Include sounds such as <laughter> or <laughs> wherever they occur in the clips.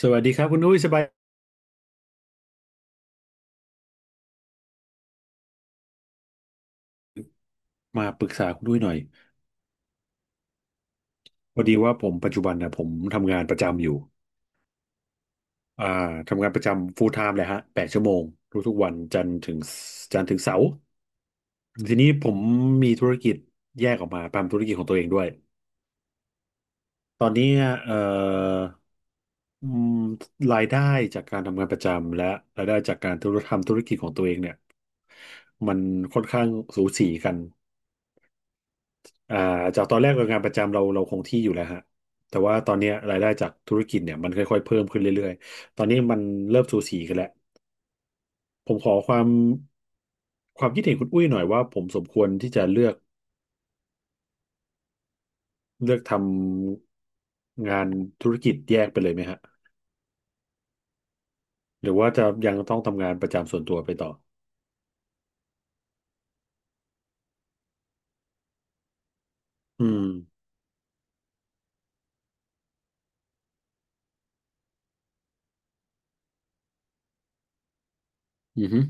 สวัสดีครับคุณนุ้ยสบายมาปรึกษาคุณนุ้ยหน่อยพอดีว่าผมปัจจุบันนะผมทำงานประจำอยู่อ่าทำงานประจำ full time เลยฮะแปดชั่วโมงทุกๆวันจันทร์ถึงเสาร์ทีนี้ผมมีธุรกิจแยกออกมาทำธุรกิจของตัวเองด้วยตอนนี้เอ่ออืมรายได้จากการทำงานประจำและรายได้จากการทำธุรกิจของตัวเองเนี่ยมันค่อนข้างสูสีกัน อ่าจากตอนแรกเรางานประจำเราคงที่อยู่แล้วฮะแต่ว่าตอนเนี้ยรายได้จากธุรกิจเนี่ยมันค่อยๆเพิ่มขึ้นเรื่อยๆตอนนี้มันเริ่มสูสีกันแล้วผมขอความคิดเห็นคุณอุ้ยหน่อยว่าผมสมควรที่จะเลือกทำงานธุรกิจแยกไปเลยไหมฮะหรือว่าจะยังต้องทำงานประจำส่วนตัวไปต่ออืมอืมอหือ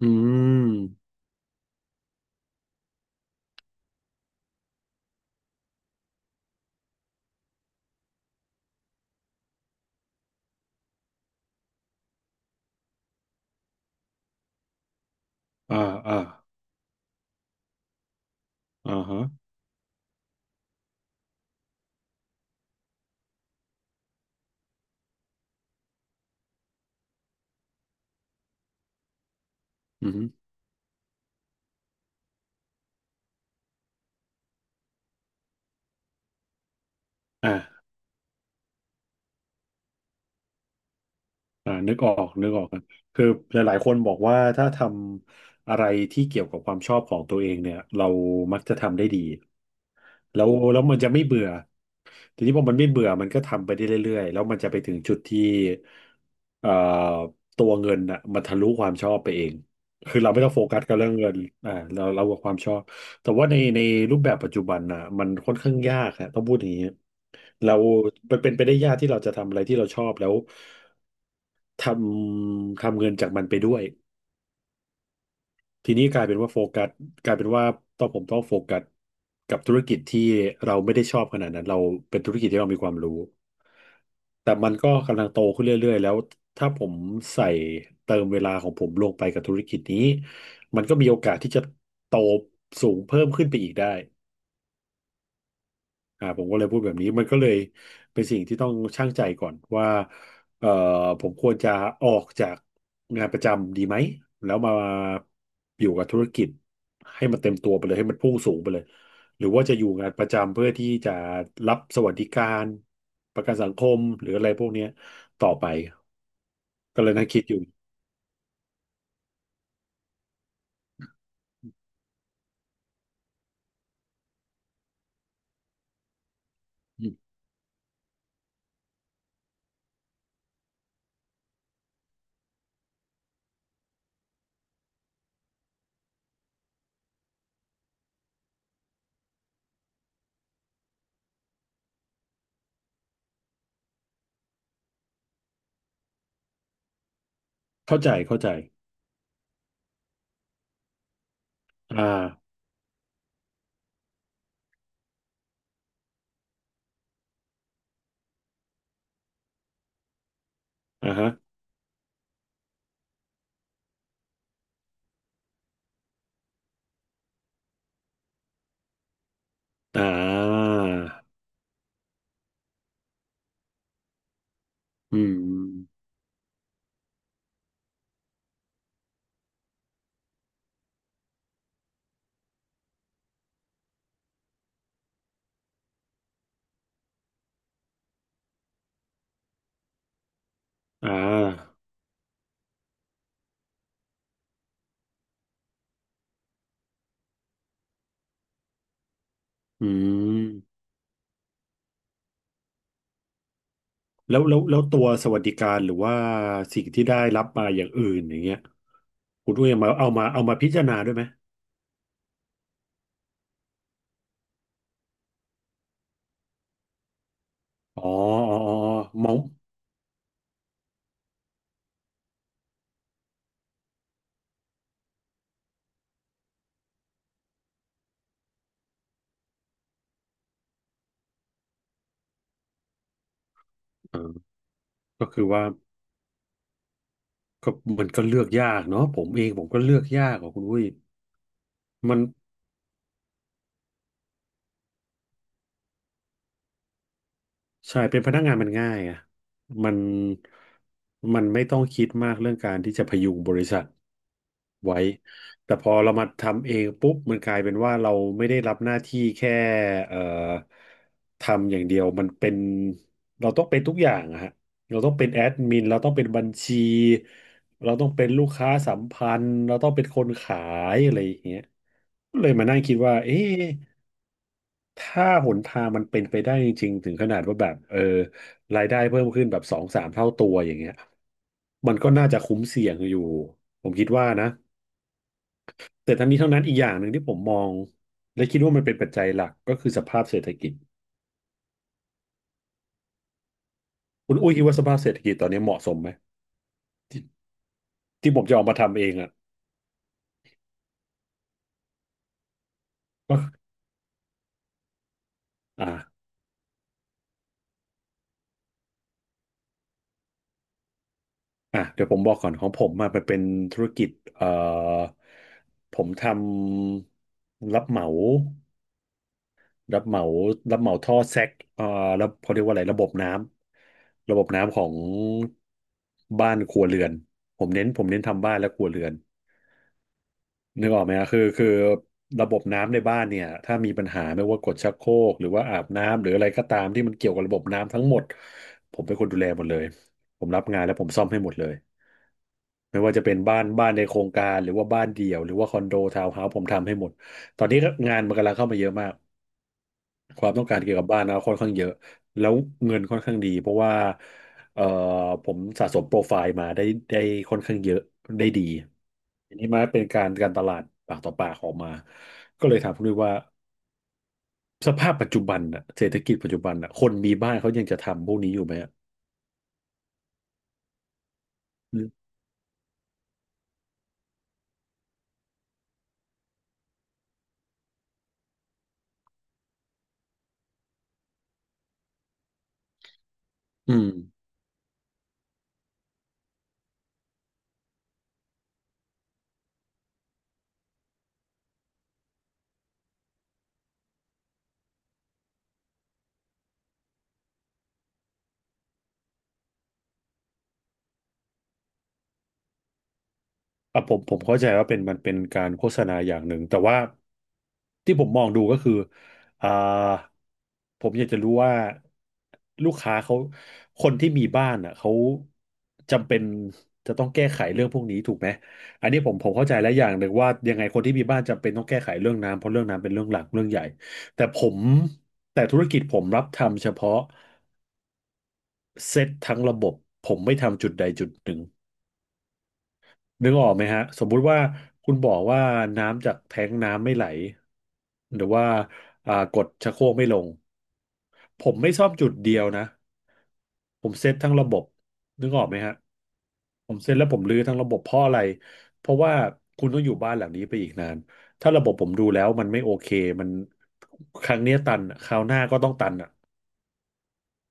อืมอ่าอ่าอ่าฮะอืมอหืออ่า อ่านึกออกนึกออกครับคือหลายๆคนบอกว่าถ้าทำอะไรที่เกี่ยวกับความชอบของตัวเองเนี่ยเรามักจะทำได้ดีแล้วมันจะไม่เบื่อทีนี้พอมันไม่เบื่อมันก็ทำไปได้เรื่อยๆแล้วมันจะไปถึงจุดที่เอ่อตัวเงินน่ะมันทะลุความชอบไปเองคือเราไม่ต้องโฟกัสกับเรื่องเงินอ่าเรากับความชอบแต่ว่าในรูปแบบปัจจุบันน่ะมันค่อนข้างยากฮะต้องพูดอย่างนี้เราเป็นไปได้ยากที่เราจะทำอะไรที่เราชอบแล้ว ททำเงินจากมันไปด้วย ทีนี้กลายเป็นว่าโฟกัสกลายเป็นว่าต้องผมต้องโฟกัสกับธุรกิจที่เราไม่ได้ชอบขนาดนั้นเราเป็นธุรกิจที่เรามีความรู้แต่มันก็กำลังโตขึ้นเรื่อยๆแล้วถ้าผมใส่เติมเวลาของผมลงไปกับธุรกิจนี้มันก็มีโอกาสที่จะโตสูงเพิ่มขึ้นไปอีกได้ ผมก็เลยพูดแบบนี้มันก็เลยเป็นสิ่งที่ต้องชั่งใจก่อนว่าเอ่อผมควรจะออกจากงานประจำดีไหมแล้วมาอยู่กับธุรกิจให้มันเต็มตัวไปเลยให้มันพุ่งสูงไปเลยหรือว่าจะอยู่งานประจำเพื่อที่จะรับสวัสดิการประกันสังคมหรืออะไรพวกเนี้ยต่อไปก็เลยนั่งคิดอยู่อืมเข้าใจเข้าใจอ่าอ่าฮะอ่าอืมอ่าอืม แล้วตัวสวัสดิการหรือว่าสิ่งที่ได้รับมาอย่างอื่นอย่างเงี้ยคุณอุ้ยเอามาพิจารณาด้วยไหมอ๋ออ๋ออ๋อมองเออก็คือว่าก็มันก็เลือกยากเนาะผมเองผมก็เลือกยากอ่ะคุณอุ้ยมัน ใช่เป็นพนักงานมันง่ายอ่ะมันมันไม่ต้องคิดมากเรื่องการที่จะพยุงบริษัทไว้แต่พอเรามาทำเองปุ๊บมันกลายเป็นว่าเราไม่ได้รับหน้าที่แค่เอ่อทำอย่างเดียวมันเป็นเราต้องเป็นทุกอย่างอะฮะเราต้องเป็นแอดมินเราต้องเป็นบัญชีเราต้องเป็นลูกค้าสัมพันธ์เราต้องเป็นคนขายอะไรอย่างเงี้ยเลยมานั่งคิดว่าเอ๊ะ ถ้าหนทางมันเป็นไปได้จริงๆถึงขนาดว่าแบบรายได้เพิ่มขึ้นแบบสองสามเท่าตัวอย่างเงี้ยมันก็น่าจะคุ้มเสี่ยงอยู่ผมคิดว่านะแต่ทั้งนี้ทั้งนั้นอีกอย่างหนึ่งที่ผมมองและคิดว่ามันเป็นปัจจัยหลักก็คือสภาพเศรษฐกิจคุณอุ้ยคิดว่าสภาพเศรษฐกิจตอนนี้เหมาะสมไหมที่ผมจะออกมาทำเองอ่ะก็อ่าอ่ะเดี๋ยวผมบอกก่อนของผมมาเป็นธุรกิจเอ่อผมทำรับเหมา รับเหมารับเหมาท่อแซกแล้วเขาเรียกว่าอะไรระบบน้ำของบ้านครัวเรือนผมเน้นทำบ้านและครัวเรือนนึกออกไหมฮะคือระบบน้ำในบ้านเนี่ย ถ้ามีปัญหาไม่ว่ากดชักโครกหรือว่าอาบน้ำ หรืออะไรก็ตามที่มันเกี่ยวกับระบบน้ำทั้งหมดผมเป็นคนดูแลหมดเลยผมรับงานแล้วผมซ่อมให้หมดเลย ไม่ว่าจะเป็นบ้านในโครงการ หรือว่าบ้านเดี่ยวหรือว่าคอนโดทาวน์เฮาส์ผมทำให้หมดตอนนี้งานมันกำลังเข้ามาเยอะมาก ความต้องการเกี่ยวกับบ้านนะค่อนข้างเยอะแล้วเงินค่อนข้างดีเพราะว่าเอ่อผมสะสมโปรไฟล์มาได้ค่อนข้างเยอะได้ดีทีนี้มาเป็นการตลาดปากต่อปากออกมาก็เลยถามคุณด้วยว่าสภาพปัจจุบันน่ะเศรษฐกิจปัจจุบันน่ะคนมีบ้านเขายังจะทำพวกนี้อยู่ไหมอะอืม อ่ะผมเข้าใจว่าเป็นมันเป็นการโฆษณาอย่างหนึ่งแต่ว่าที่ผมมองดูก็คืออ่าผมอยากจะรู้ว่าลูกค้าเขาคนที่มีบ้านอ่ะเขาจำเป็นจะต้องแก้ไขเรื่องพวกนี้ถูกไหมอันนี้ผมเข้าใจแล้วอย่างหนึ่งว่ายังไงคนที่มีบ้านจำเป็นต้องแก้ไขเรื่องน้ำเพราะเรื่องน้ำเป็นเรื่องหลักเรื่องใหญ่แต่ผมแต่ธุรกิจผมรับทำเฉพาะเซตทั้งระบบผมไม่ทำจุดใดจุดหนึ่ง นึกออกไหมฮะสมมุติว่าคุณบอกว่าน้ำจากแท้งน้ำไม่ไหลหรือว่ากดชักโครกไม่ลงผมไม่ซ่อมจุดเดียวนะผมเซตทั้งระบบนึกออกไหมฮะผมเซ็นแล้วผมรื้อทั้งระบบเพราะอะไรเพราะว่าคุณต้องอยู่บ้านหลังนี้ไปอีกนานถ้าระบบผมดูแล้วมันไม่โอเคมันครั้งเนี้ยตันอะคราวหน้าก็ต้องตันอ่ะ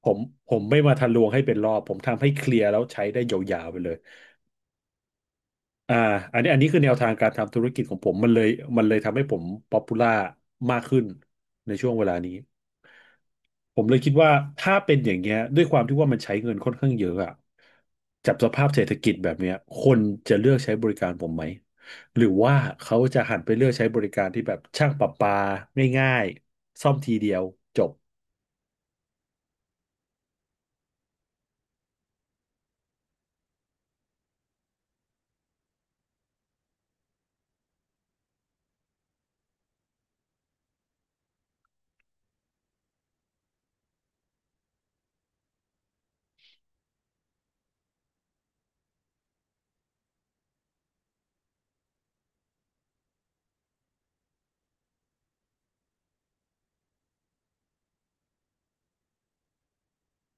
ผมผมไม่มาทะลวงให้เป็นรอบผมทำให้เคลียร์แล้วใช้ได้ยาวๆไปเลย อ่าอันนี้คือแนวทางการทำธุรกิจของผมมันเลยทำให้ผมป๊อปปูล่ามากขึ้นในช่วงเวลานี้ผมเลยคิดว่าถ้าเป็นอย่างเงี้ยด้วยความที่ว่ามันใช้เงินค่อนข้างเยอะอะจับสภาพเศรษฐกิจแบบเนี้ยคนจะเลือกใช้บริการผมไหมหรือว่าเขาจะหันไปเลือกใช้บริการที่แบบช่างประปาง่ายๆซ่อมทีเดียวจบ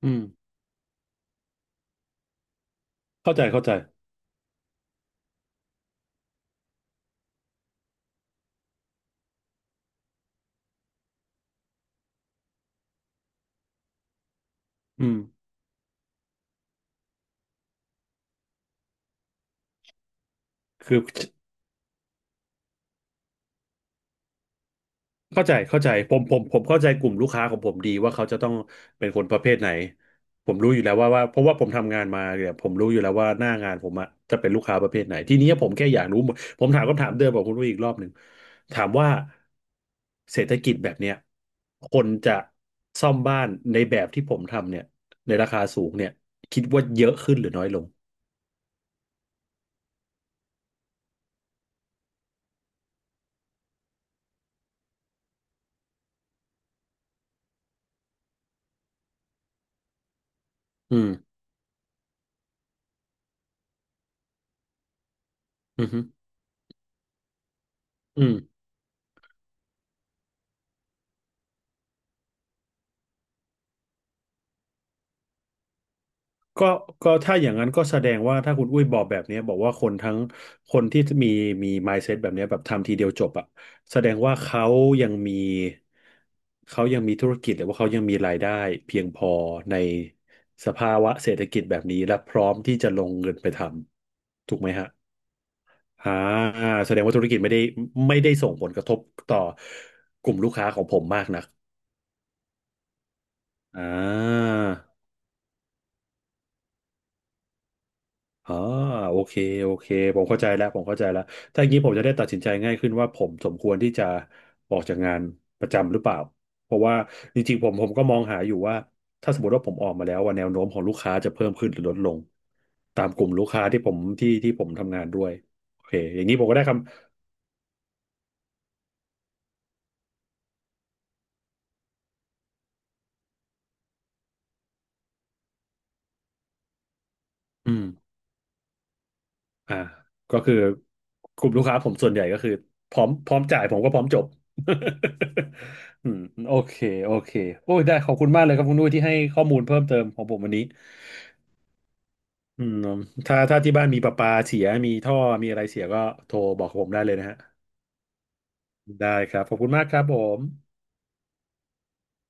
อืมเข้าใจเข้าใจอืมคือ เข้าใจเข้าใจผมเข้าใจกลุ่มลูกค้าของผมดีว่าเขาจะต้องเป็นคนประเภทไหนผมรู้อยู่แล้วว่าเพราะว่าผมทำงานมาเนี่ยผมรู้อยู่แล้วว่าหน้างานผมอะจะเป็นลูกค้าประเภทไหนทีนี้ผมแค่อยากรู้หมดผมถามคำถามเดิมกับคุณรู้ยอีกรอบหนึ่งถามว่าเศรษฐกิจแบบเนี้ยคนจะซ่อมบ้านในแบบที่ผมทำเนี่ยในราคาสูงเนี่ยคิดว่าเยอะขึ้นหรือน้อยลงอืมอืมอฮึอืม ก็ก็ถ้าอย่างนั้นก็แสดงว่าถ้าคุณอุ้ยบอกแบบเนี้ยบอกว่าคนที่มี mindset แบบเนี้ยแบบทำทีเดียวจบอะแสดงว่ายังมีเขายังมีธุรกิจหรือว่าเขายังมีรายได้เพียงพอในสภาวะเศรษฐกิจแบบนี้และพร้อมที่จะลงเงินไปทำถูกไหมฮะอ่าแสดงว่าธุรกิจไม่ได้ส่งผลกระทบต่อกลุ่มลูกค้าของผมมากนักอ่า อ่าโอเคโอเคผมเข้าใจแล้วผมเข้าใจแล้วถ้าอย่างนี้ผมจะได้ตัดสินใจง่ายขึ้นว่าผมสมควรที่จะออกจากงานประจำหรือเปล่าเพราะว่าจริงๆผมก็มองหาอยู่ว่าถ้าสมมติว่าผมออกมาแล้วว่าแนวโน้มของลูกค้าจะเพิ่มขึ้นหรือลดลงตามกลุ่มลูกค้าที่ผมที่ที่ผมทำงานด้วยโอเคอย่างนี้ผมก็ได้คำอืม อ่าก็คือกลุ่มลูกค้าผมส่วนใหญ่ก็คือพร้อมจ่ายผมก็พร้อมจบ <laughs> อืมโอเคโอเคโอ้ยได้ขอบคุณมากเลยครับคุณนุ้ยที่ให้ข้อมูลเพิ่มเติมของผมวันนี้อืมถ้าที่บ้านมีประปาเสียมีท่อมีอะไรเสียก็โทรบอกผมได้เลยนะฮะได้ครับขอบคุณมากครับผม